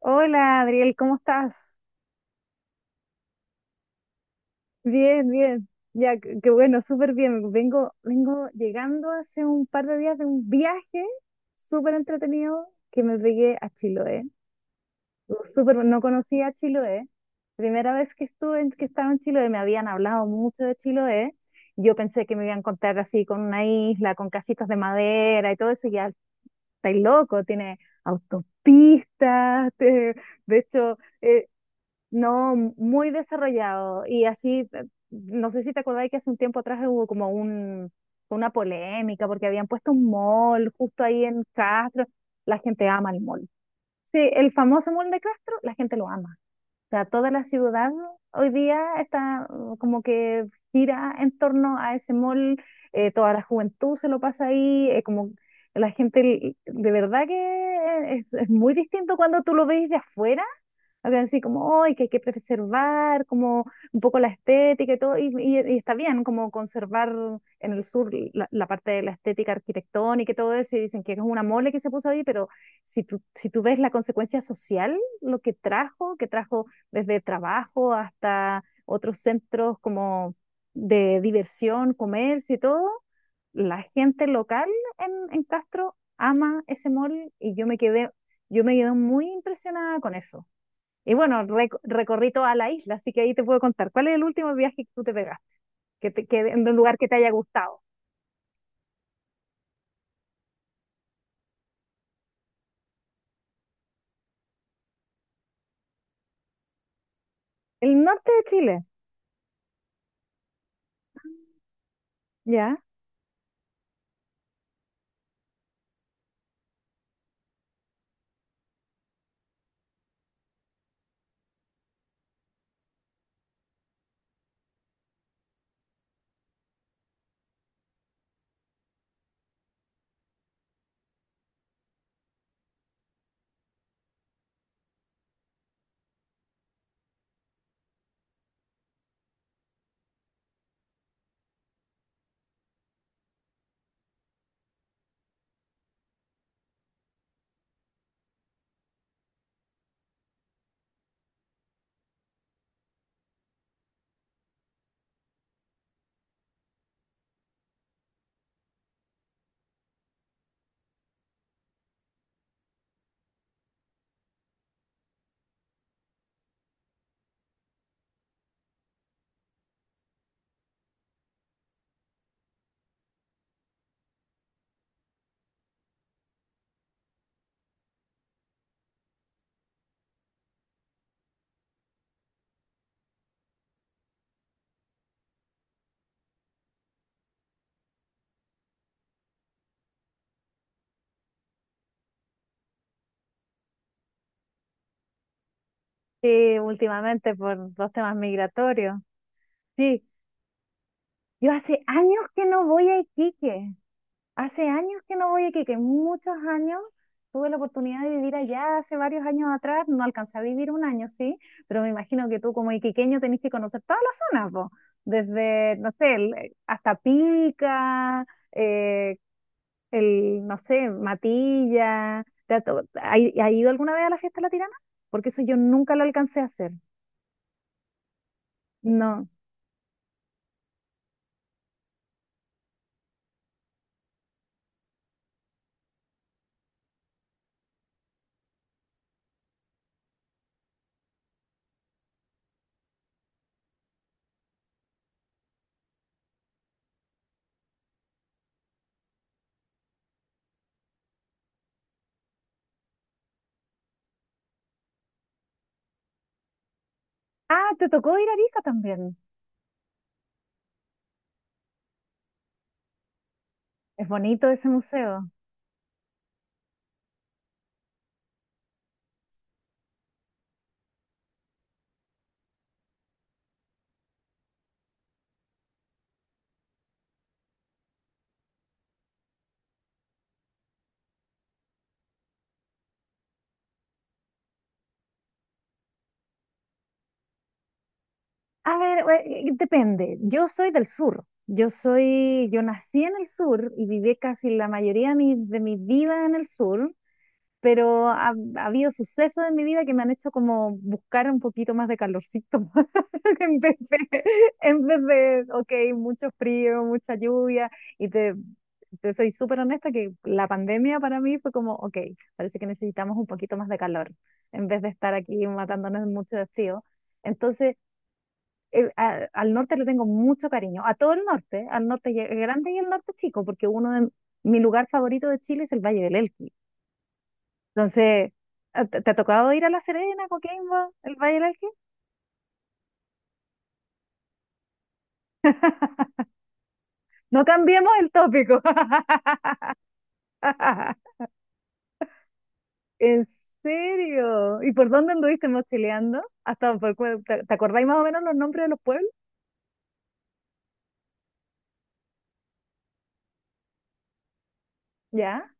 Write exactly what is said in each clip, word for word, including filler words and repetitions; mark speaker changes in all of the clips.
Speaker 1: Hola, Adriel, ¿cómo estás? Bien, bien. Ya, qué qué bueno, súper bien. Vengo, vengo llegando hace un par de días de un viaje súper entretenido que me pegué a Chiloé. Súper, no conocía Chiloé. Primera vez que estuve, en- que estaba en Chiloé, me habían hablado mucho de Chiloé. Yo pensé que me iban a contar así con una isla, con casitas de madera y todo eso. y Ya estáis loco, tiene autopistas, te- de hecho, eh, no, muy desarrollado. Y así, eh, no sé si te acordáis que hace un tiempo atrás hubo como un, una polémica porque habían puesto un mall justo ahí en Castro. La gente ama el mall. Sí, el famoso mall de Castro, la gente lo ama. O sea, toda la ciudad hoy día está uh, como que gira en torno a ese mall. Eh, toda la juventud se lo pasa ahí. Eh, como la gente, l- de verdad que eh, es es muy distinto cuando tú lo ves de afuera algo así como, hoy que hay que preservar, como un poco la estética y todo, y, y- y está bien, como conservar en el sur la, la parte de la estética arquitectónica y todo eso, y dicen que es una mole que se puso ahí, pero si tú, si tú ves la consecuencia social, lo que trajo, que trajo desde trabajo hasta otros centros como de diversión, comercio y todo, la gente local en, en Castro ama ese mall y yo me quedé, yo me quedé muy impresionada con eso. Y bueno, rec- recorrí toda la isla, así que ahí te puedo contar. ¿Cuál es el último viaje que tú te pegaste? Que te, ¿que en un lugar que te haya gustado? El norte de Chile, ¿ya? Sí, últimamente por los temas migratorios. Sí, yo hace años que no voy a Iquique. Hace años que no voy a Iquique, muchos años. Tuve la oportunidad de vivir allá hace varios años atrás. No alcancé a vivir un año, sí, pero me imagino que tú como iquiqueño tenés que conocer todas las zonas, vos. Desde, no sé, el- eh, hasta Pica, eh, el, no sé, Matilla. ¿Te ha, to- ha i- ha ido alguna vez a la fiesta de la Tirana? Porque eso yo nunca lo alcancé a hacer. No. Ah, te tocó ir a Arica también. Es bonito ese museo. A ver, eh, depende. Yo soy del sur. Yo soy, yo nací en el sur y viví casi la mayoría de mi, de mi vida en el sur. Pero ha, ha habido sucesos en mi vida que me han hecho como buscar un poquito más de calorcito, en vez de, en vez de, ok, mucho frío, mucha lluvia, y te, te soy súper honesta que la pandemia para mí fue como, ok, parece que necesitamos un poquito más de calor, en vez de estar aquí matándonos mucho de frío. Entonces, el- a- al norte le tengo mucho cariño, a todo el norte, al norte lle- grande y al norte chico, porque uno de mi lugar favorito de Chile es el Valle del Elqui. Entonces, ¿te te ha tocado ir a La Serena, Coquimbo, el Valle del Elqui? No cambiemos el tópico. ¿En serio? ¿Y por dónde anduviste mochileando? Hasta por, cu- ¿te, te acordáis más o menos los nombres de los pueblos? ¿Ya?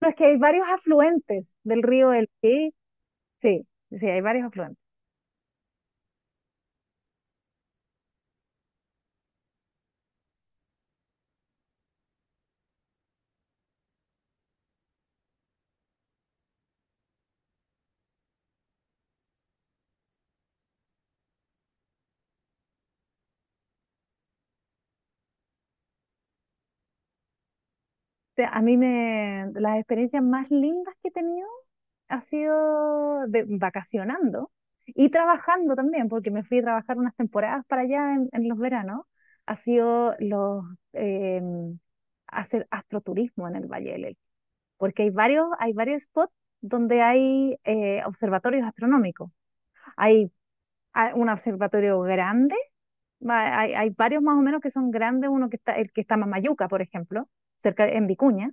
Speaker 1: No, es que hay varios afluentes del río Elqui. Sí, sí, hay varios afluentes. Sea, a mí me, las experiencias más lindas que he tenido ha sido de, vacacionando y trabajando también, porque me fui a trabajar unas temporadas para allá en, en los veranos. Ha sido los eh, hacer astroturismo en el Valle del Elqui, porque hay varios, hay varios spots donde hay eh, observatorios astronómicos. Hay ah, un observatorio grande. Va- Hay, hay varios más o menos que son grandes, uno que está, el que está más Mayuca, por ejemplo, cerca en Vicuña,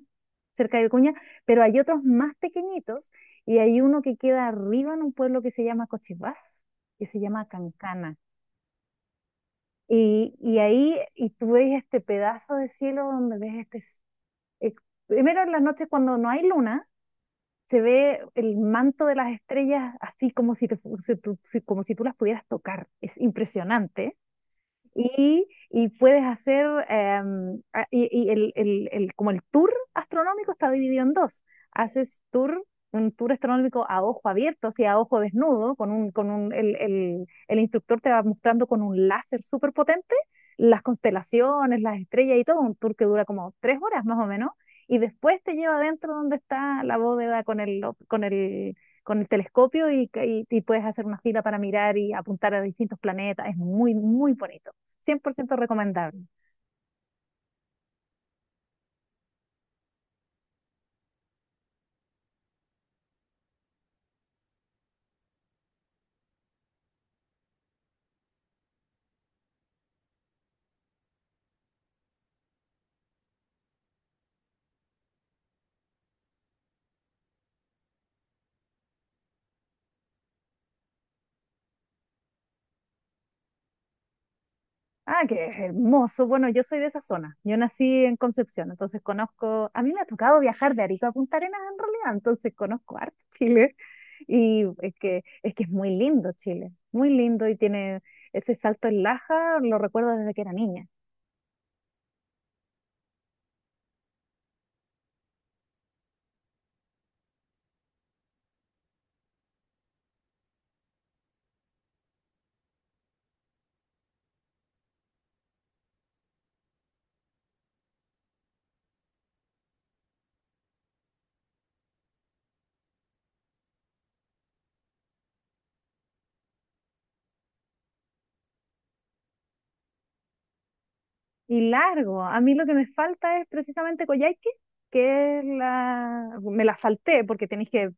Speaker 1: cerca de Vicuña, pero hay otros más pequeñitos y hay uno que queda arriba en un pueblo que se llama Cochibás, que se llama Cancana. Y, y ahí, y tú ves este pedazo de cielo donde ves este eh, primero en las noches cuando no hay luna, se ve el manto de las estrellas así como si, te fu- si tú si- como si tú las pudieras tocar. Es impresionante. Y, y puedes hacer, em, a- y, y el, el- el- como el tour astronómico está dividido en dos. Haces tour, un tour astronómico a ojo abierto, o sea, a ojo desnudo, con un, con un, el, el- el instructor te va mostrando con un láser súper potente las constelaciones, las estrellas y todo, un tour que dura como tres horas más o menos, y después te lleva adentro donde está la bóveda con el, con el, con el telescopio y, y y puedes hacer una fila para mirar y apuntar a distintos planetas. Es muy, muy bonito. cien por ciento recomendable. Ah, qué hermoso. Bueno, yo soy de esa zona. Yo nací en Concepción, entonces conozco, a mí me ha tocado viajar de Arica a Punta Arenas en realidad, entonces conozco harto Chile. Y es que, es que es muy lindo Chile, muy lindo y tiene ese salto en Laja, lo recuerdo desde que era niña. Y largo, a mí lo que me falta es precisamente Coyhaique, que es la, me la salté porque tenéis que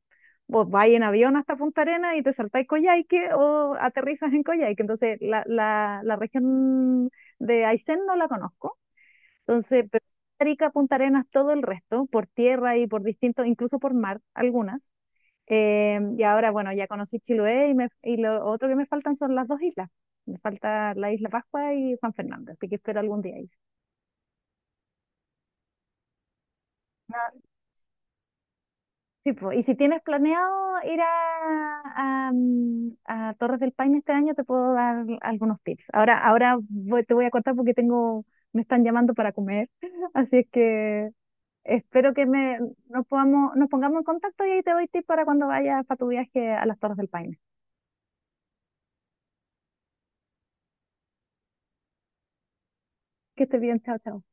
Speaker 1: vos vais en avión hasta Punta Arenas y te saltáis Coyhaique o aterrizas en Coyhaique. Entonces, la, la, la región de Aysén no la conozco. Entonces, pero Arica, Punta Arenas, todo el resto, por tierra y por distintos, incluso por mar, algunas. Eh, y ahora, bueno, ya conocí Chiloé y, me- y lo otro que me faltan son las dos islas. Me falta la Isla Pascua y Juan Fernández, así que espero algún día ir. Sí, po. Y si tienes planeado ir a, a, mm, a Torres del Paine este año, te puedo dar algunos tips. Ahora, ahora voy- te voy a cortar porque tengo, me están llamando para comer, así es que espero que me, nos podamos, nos pongamos en contacto y ahí te doy tips para cuando vayas para tu viaje a las Torres del Paine. Que estés bien, chao, chao.